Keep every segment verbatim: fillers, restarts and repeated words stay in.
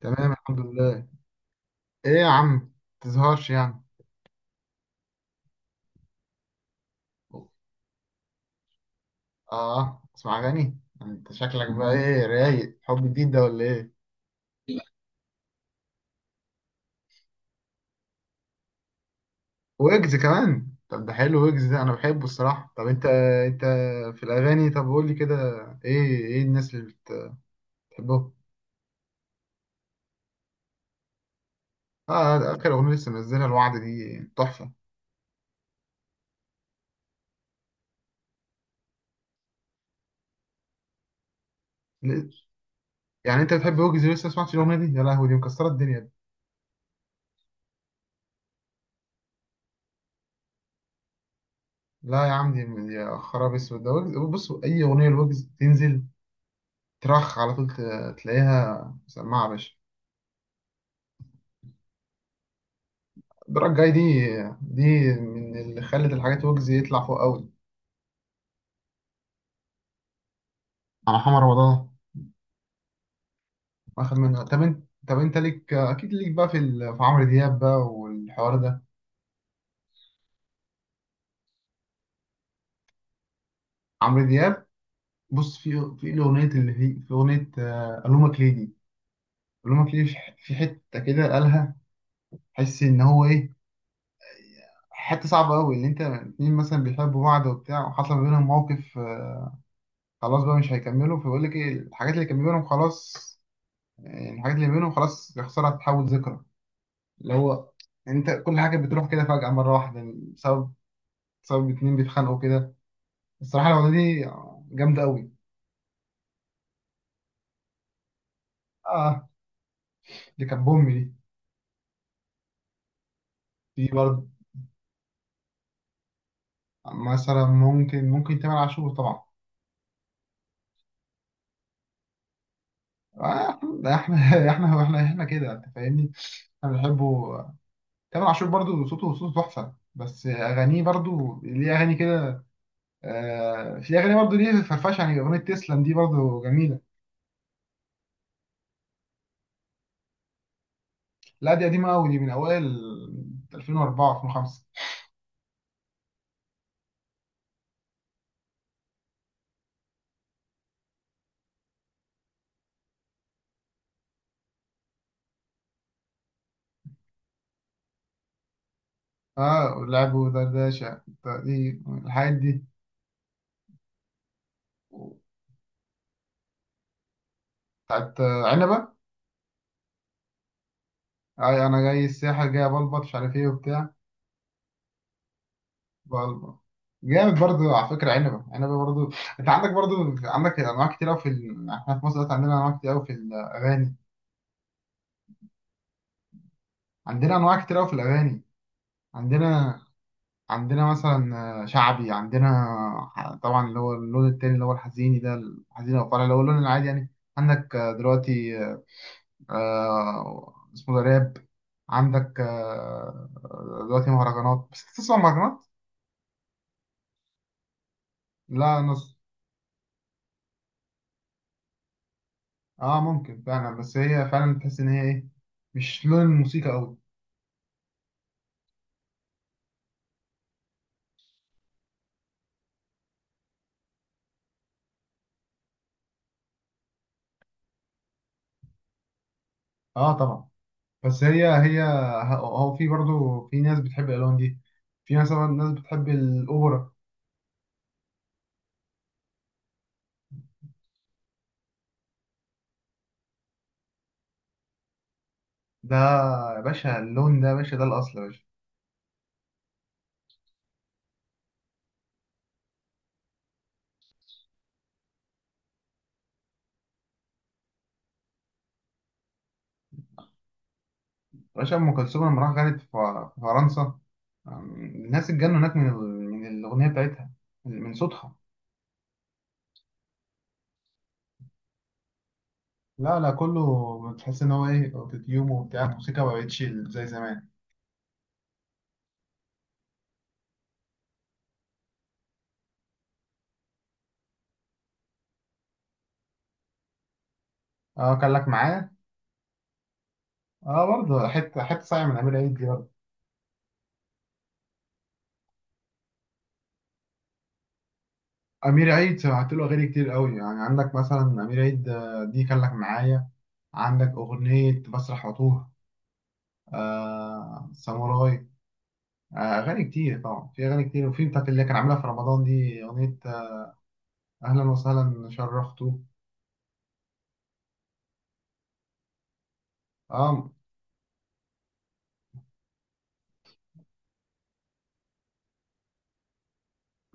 تمام الحمد لله. ايه يا عم، تزهقش يعني. اه اسمع اغاني. انت شكلك بقى ايه، رايق، حب جديد ده ولا ايه؟ ويجز كمان؟ طب ده حلو، ويجز ده انا بحبه الصراحه. طب انت، انت في الاغاني، طب قول لي كده، ايه ايه الناس اللي بتحبهم؟ اه ده اخر اغنيه لسه منزلها، الوعد، دي تحفه. ل- يعني انت بتحب ويجز لسه ما سمعتش الاغنيه دي؟ يا لهوي، دي مكسره الدنيا دي. لا يا عم، دي دي يا خراب اسود، ده ويجز. بص، اي اغنيه لويجز تنزل ترخ على طول، ت- تلاقيها مسمعة يا باشا. الدرجة الجاية دي، دي من اللي خلت الحاجات ويجز يطلع فوق قوي. على محمد رمضان واخد منها. طب انت، طب انت ليك اكيد، ليك بقى في ال... في عمرو دياب بقى والحوار ده. عمرو دياب، بص في في الاغنية اللي هي، في اغنية آه، الومك ليه دي. الومك ليه، في ح- في حتة كده قالها، تحس ان هو ايه، حتة صعبة قوي. اللي انت اتنين مثلا بيحبوا بعض وبتاع، وحصل ما بينهم موقف، آه، خلاص بقى مش هيكملوا. فبيقول لك ايه الحاجات اللي كان بينهم خلاص، يعني الحاجات اللي بينهم خلاص يخسرها تتحول ذكرى. اللي هو انت كل حاجه بتروح كده فجاه مره واحده بسبب، بسبب اتنين بيتخانقوا كده. الصراحه الاغنيه دي جامده قوي. اه دي كانت بوم دي، دي برضه. مثلا ممكن، ممكن تامر عاشور طبعا. آه، ده احنا احنا احنا احنا كده انت فاهمني، احنا بنحبه. تامر عاشور برضه، صوته صوته تحفه، بس اغانيه برضه ليه اغاني كده. آه في اغاني برضه ليه فرفشه، يعني اغنيه تسلم دي برضه جميله. لا دي قديمة أوي، دي من أوائل ألفين وأربعة ألفين وخمسة. اه لعبوا دردشة، دي الحاجات دي، بتاعت آه، عنبة. أي أنا جاي الساحة جاي بلبط مش عارف إيه وبتاع. بلبط جامد برضو على فكرة. عنبة عنبة برضو. أنت عندك برضو، عندك أنواع كتير أوي في ال... إحنا في مصر دلوقتي عندنا أنواع كتير أوي في الأغاني. عندنا أنواع كتير أوي في الأغاني. عندنا عندنا مثلا شعبي، عندنا طبعا اللي هو اللون التاني اللي هو الحزيني ده، الحزين او الفرح اللي هو اللون العادي يعني. عندك دلوقتي آه، اسمه ده راب. عندك آه، دلوقتي مهرجانات. بس تسمع مهرجانات؟ لا نص. اه ممكن فعلا، بس هي فعلا تحس ان هي ايه، مش لون الموسيقى قوي. اه طبعا. بس هي هي هو في برضو في ناس بتحب الالوان دي. في مثلا ناس بتحب الاوبرا. ده يا باشا، اللون ده يا باشا ده الاصل يا باشا. باشا أم كلثوم لما راح غنت في ف- في فرنسا، أم، الناس اتجنوا هناك من ال- من الأغنية بتاعتها، من صوتها. لا لا، كله بتحس إن هو إيه، أوتوتيوم وبتاع، الموسيقى ما بقتش زي زمان. أه كان لك معايا. أه برضه حتة، حتة صايعة من أمير عيد دي برضه. أمير عيد سمعت له أغاني كتير قوي يعني. عندك مثلا أمير عيد آه، دي كان لك معايا. عندك أغنية بسرح وأتوه. آه ساموراي. آه أغاني كتير طبعا، في أغاني كتير، وفي بتاعت اللي كان عاملها في رمضان دي أغنية اهلا وسهلا شرفتوا. اه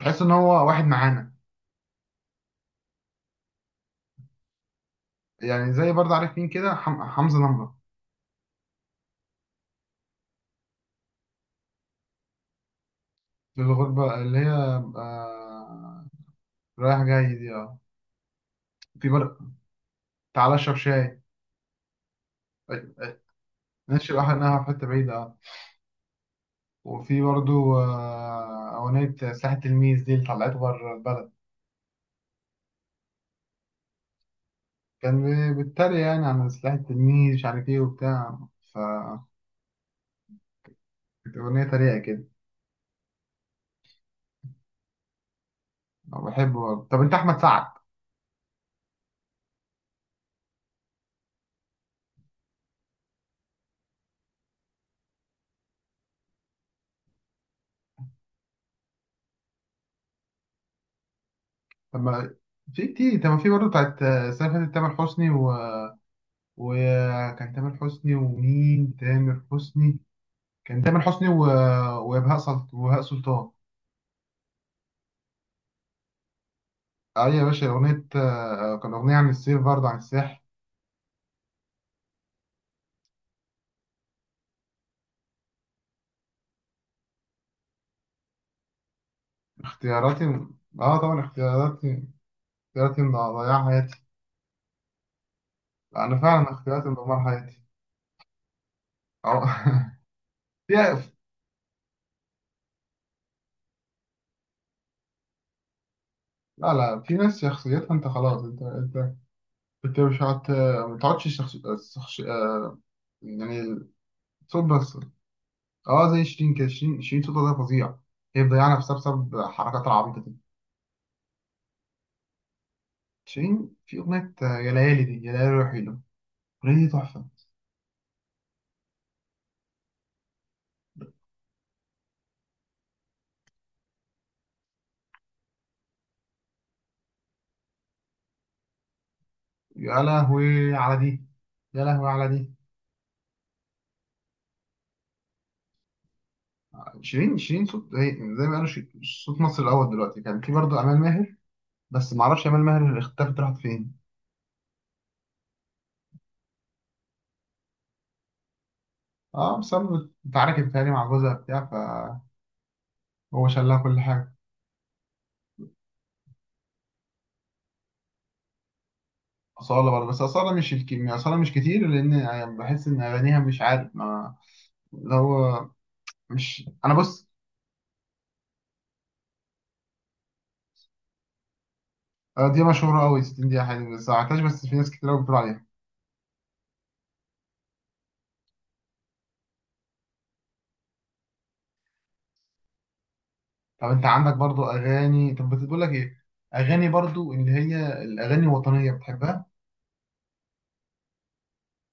تحس ان هو واحد معانا يعني. زي برضه عارف مين كده، حم... حمزة نمرة. في الغربة اللي هي آه... رايح جاي دي اه. في برضه تعالى اشرب شاي. آه، آه، نشرب احنا في حتة بعيدة اه. وفي برضه آه، أغنية سلاح التلميذ دي اللي طلعته بره البلد. كان بي- بيتريق يعني عن سلاح التلميذ مش عارف ايه وبتاع، فكانت أغنية تريقة كده. أنا بحبه برضه. طب أنت أحمد سعد؟ طب ما في كتير، طب ما في برضه بتاعت آه، السنة اللي فاتت تامر حسني و... وكان تامر حسني ومين، تامر حسني كان تامر حسني و... وبهاء سلط... وبهاء سلطان. أيوة يا باشا، أغنية آه، كان أغنية عن السيف برضه، عن الساحل. اختياراتي، اه طبعا اختياراتي، اختياراتي اللي ضيع حياتي، أنا فعلا اختياراتي اللي دمر حياتي. أو في. لا لا في ناس شخصيتها، انت خلاص، انت انت انت مش هت، ما تقعدش شخص... شخص... آه، يعني. صوت بس، اه زي شيرين كده. شيرين، شيرين صوتها ده فظيع. هي مضيعة نفسها بسبب حركاتها العبيطة دي. شيرين في أغنية آه، يا ليالي، دي يا ليالي روحي له. الأغنية دي تحفة. يا لهوي على دي، يا لهوي على دي. شيرين، شيرين صوت هي زي ما قالوا، شي- صوت مصر الأول دلوقتي. كان في برضه أمال ماهر، بس معرفش أمال ماهر اختفت راحت فين. اه بسبب اتعاركت تاني مع جوزها بتاع، فهو شالها كل حاجة. أصالة برضه، بس أصالة مش الكمية، أصالة مش كتير، لأن يعني بحس إن أغانيها مش عارف، ما اللي هو مش انا بص. آه، دي مشهورة أوي، ستين دقيقة حلوة، بس ما عملتهاش، بس في ناس كتير أوي بتقول عليها. طب أنت عندك برضو أغاني، طب بتقول لك إيه، أغاني برضو اللي هي الأغاني الوطنية بتحبها.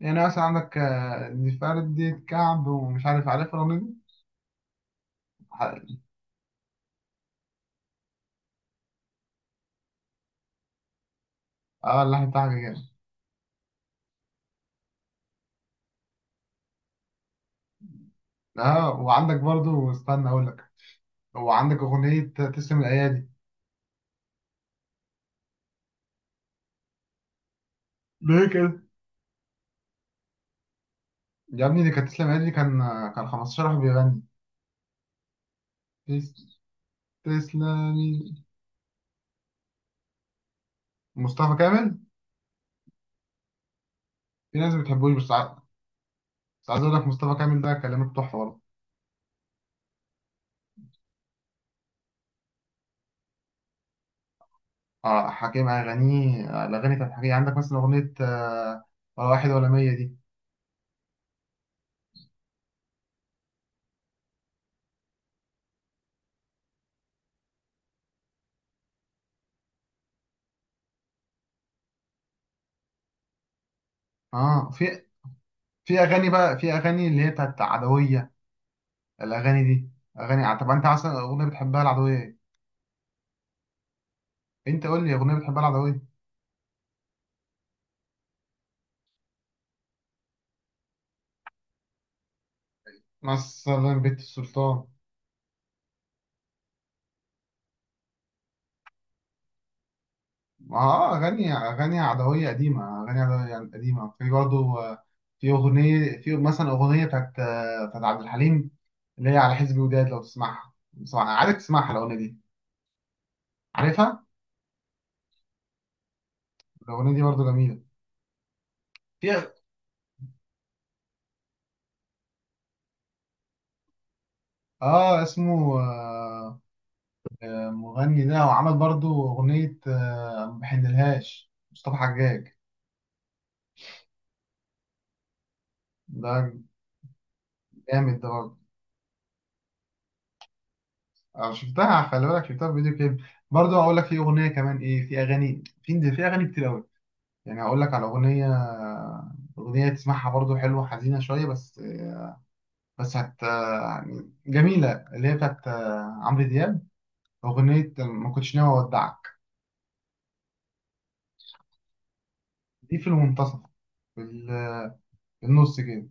يعني مثلا عندك آه، دي فردة كعب، ومش عارف، عارف الأغنية دي؟ ح- أه اللحن بتاعها جامد. أه وعندك برضو، استنى أقول لك، وعندك أغنية تسلم الأيادي. ليه كده؟ يا ابني دي كانت تسلم الأيادي دي، كان كان خمسة عشر واحد بيغني. تس- تسلمي. مصطفى كامل. في ناس ما بتحبوش، بس عا- بس عايز أقول لك مصطفى كامل ده كلمات تحفة. اه حكيم، اغانيه، الاغاني بتاعت حكيم، عندك مثلا اغنيه آه، ولا واحد ولا مية دي. اه في، في اغاني بقى، في اغاني اللي هي بتاعت عدويه. الاغاني دي اغاني ع- طب انت اصلا اغنيه بتحبها العدويه ايه، انت قول لي اغنيه بتحبها العدويه. مثلا بيت السلطان. اه اغاني، اغاني عدويه قديمه، اغاني عدويه يعني قديمه. في برضه آه، في اغنيه، في مثلا اغنيه بتاعت آه، بتاعت عبد الحليم اللي هي على حزب وداد، لو تسمعها، تسمعها عارف، تسمعها الاغنيه دي، عارفها الاغنيه دي برضه جميله. في اه اسمه آه، مغني ده، وعمل برضو أغنية آه، ما بحنلهاش، مصطفى حجاج ده جامد ده برضه. آه، شفتها، خلي بالك شفتها في فيديو كليب. برضه هقول لك في أغنية كمان إيه، في أغاني، في في أغاني كتير أوي، يعني هقول لك على أغنية، أغنية تسمعها برضه حلوة، حزينة شوية بس، بس هت يعني جميلة، اللي هي بتاعت آه، عمرو دياب، أغنية ما كنتش ناوي أودعك. دي في المنتصف، في ال- في النص كده.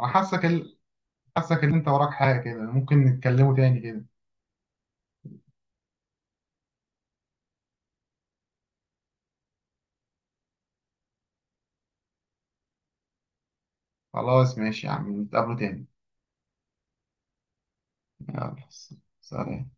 أنا حاسك، حاسك ان انت وراك حاجة كده، ممكن نتكلموا تاني كده. خلاص ماشي يا عم، نتقابلوا تاني. يلا سلام.